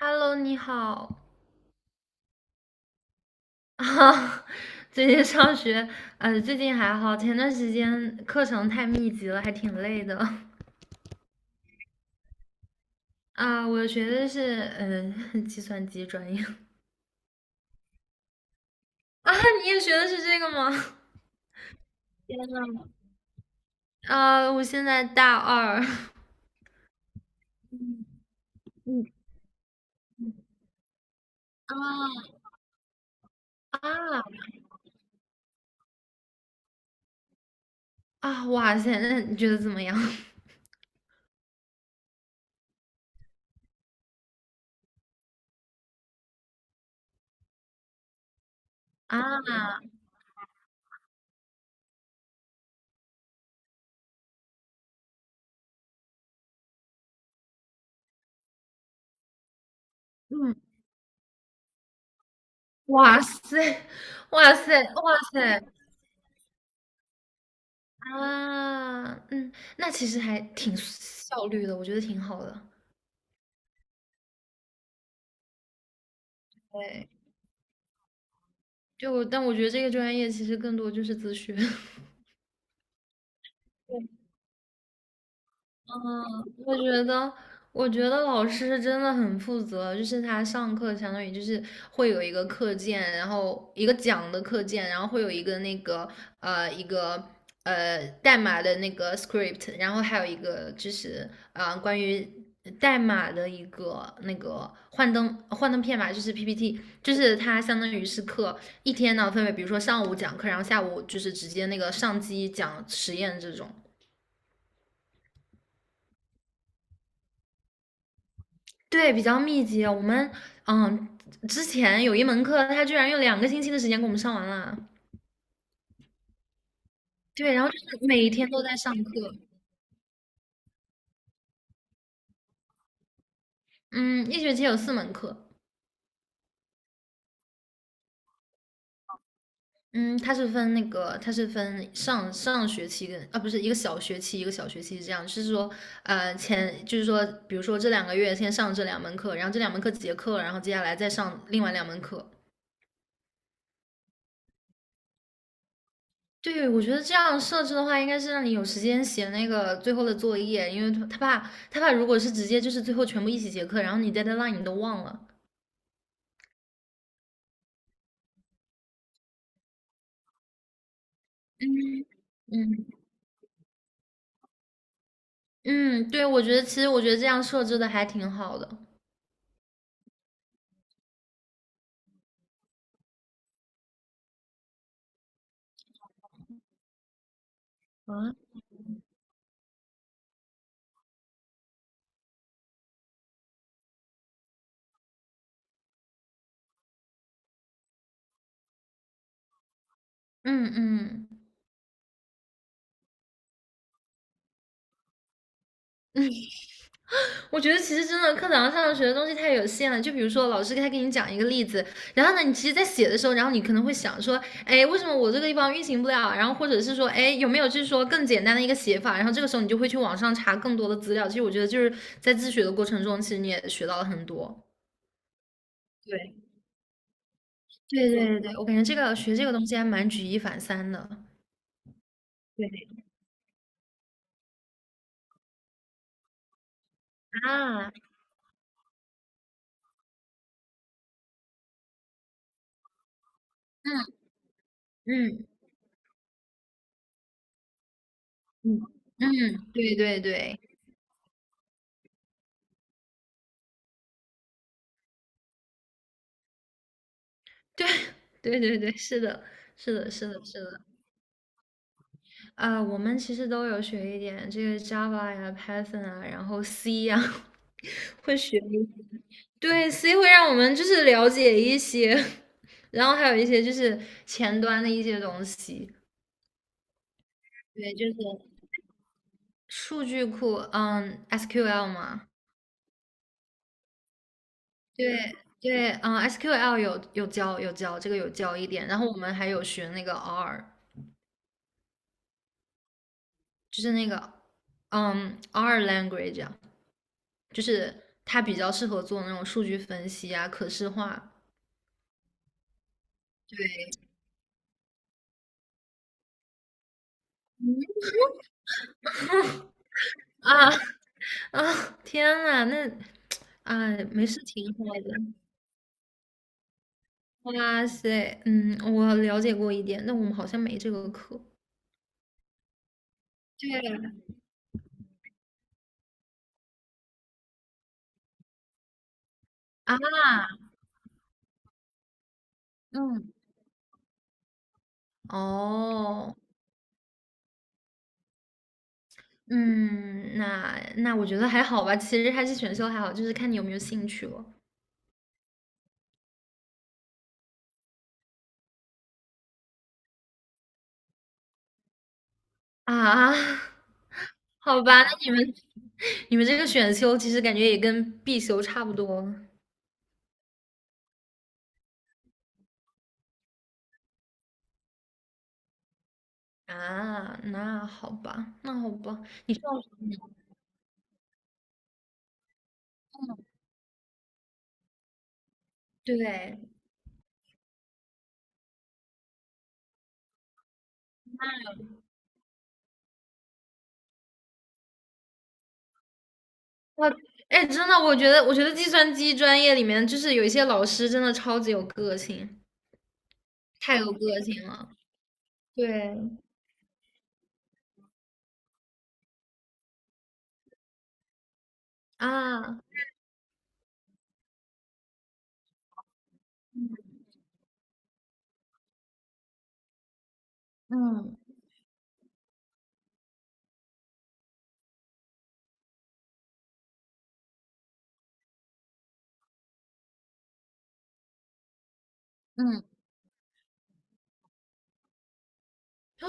Hello，你好。啊，最近上学，最近还好，前段时间课程太密集了，还挺累的。啊，我学的是计算机专业。啊，你也学的是这个吗？天呐，啊，我现在大二。嗯嗯啊啊啊！哇塞，那你觉得怎么样？啊，嗯，哇塞，哇塞，哇塞！啊，嗯，那其实还挺效率的，我觉得挺好的。对，就但我觉得这个专业其实更多就是自学。嗯，我觉得老师真的很负责，就是他上课相当于就是会有一个课件，然后一个讲的课件，然后会有一个那个一个代码的那个 script，然后还有一个就是关于代码的一个那个幻灯片吧，就是 PPT，就是他相当于是课一天呢分为，比如说上午讲课，然后下午就是直接那个上机讲实验这种。对，比较密集。我们嗯，之前有一门课，他居然用2个星期的时间给我们上完了。对，然后就是每天都在上课。嗯，一学期有四门课。嗯，它是分上上学期跟啊，不是一个小学期一个小学期是这样，就是说，就是说，比如说这2个月先上这两门课，然后这两门课结课，然后接下来再上另外两门课。对，我觉得这样设置的话，应该是让你有时间写那个最后的作业，因为他怕如果是直接就是最后全部一起结课，然后你 deadline 你都忘了。嗯嗯，对，我觉得其实我觉得这样设置的还挺好的。啊，嗯嗯。我觉得其实真的课堂上学的东西太有限了，就比如说老师他给你讲一个例子，然后呢，你其实，在写的时候，然后你可能会想说，哎，为什么我这个地方运行不了？然后或者是说，哎，有没有就是说更简单的一个写法？然后这个时候你就会去网上查更多的资料。其实我觉得就是在自学的过程中，其实你也学到了很多。对对对对对，我感觉这个学这个东西还蛮举一反三的对，啊，嗯嗯嗯嗯，对对对对 对对对，是的，是的，是的，是的。啊，我们其实都有学一点这个 Java 呀、Python 啊，然后 C 呀，会学一些。对，C 会让我们就是了解一些，然后还有一些就是前端的一些东西。对，就是数据库，SQL 嘛。对对，SQL 有教一点，然后我们还有学那个 R，就是那个R language 啊，就是它比较适合做那种数据分析啊、可视化。对，啊啊！天呐，那啊，没事，挺好的。哇塞，我了解过一点，那我们好像没这个课。对，啊，嗯，哦，嗯，那我觉得还好吧，其实还是选修还好，就是看你有没有兴趣了。啊，好吧，那你们 你们这个选修其实感觉也跟必修差不多啊。那好吧，那好吧，你上对我哎，真的，我觉得计算机专业里面，就是有一些老师真的超级有个性，太有个性了。对啊，嗯嗯，哦，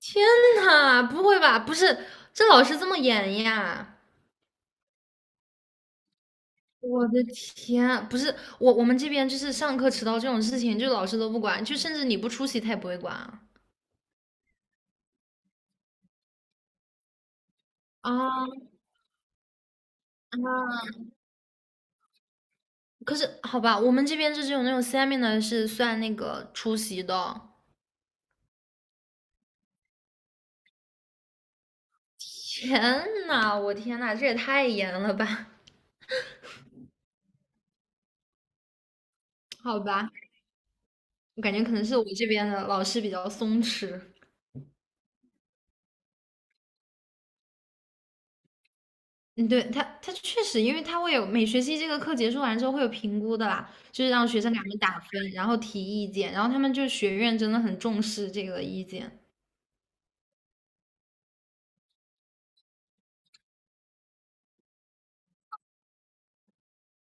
天呐，不会吧？不是，这老师这么严呀？我的天啊，不是我，我们这边就是上课迟到这种事情，就老师都不管，就甚至你不出席他也不会管啊。啊啊！可是好吧，我们这边是只有那种 seminar 是算那个出席的。天呐，我天呐，这也太严了吧？好吧，我感觉可能是我这边的老师比较松弛。嗯，对，他确实，因为他会有每学期这个课结束完之后会有评估的啦，就是让学生给他们打分，然后提意见，然后他们就学院真的很重视这个意见。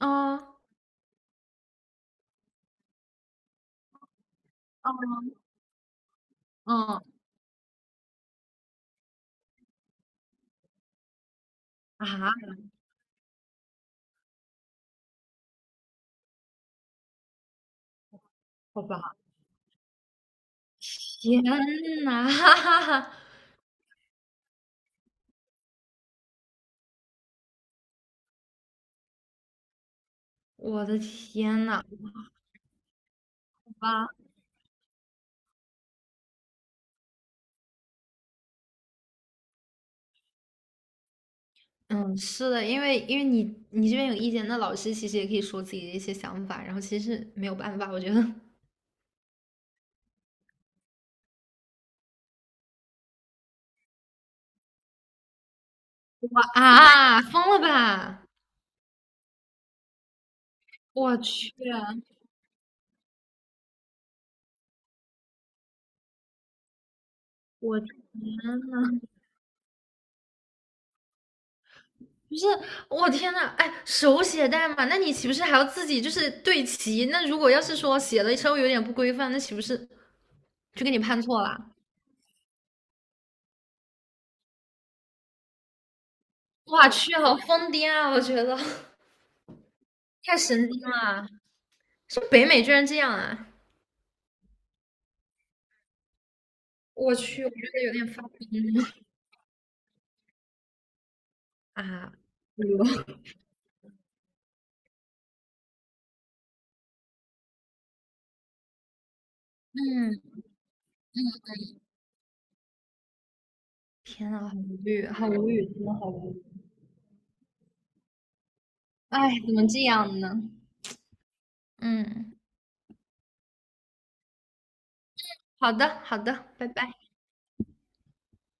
嗯嗯啊，好吧，天呐，哈哈哈，我的天呐，好吧。嗯，是的，因为你这边有意见，那老师其实也可以说自己的一些想法，然后其实是没有办法，我觉得啊，疯了吧！我去，我天，不是，我天呐，哎，手写代码，那你岂不是还要自己就是对齐？那如果要是说写的稍微有点不规范，那岂不是就给你判错了？我去，好疯癫啊！我觉得太神经了，是北美居然这样啊！我去，我觉得有点发疯啊！哎呦，嗯。天呐，好无语，好无语，真的好无语。哎，怎么这样呢？嗯，好的，好的，拜拜。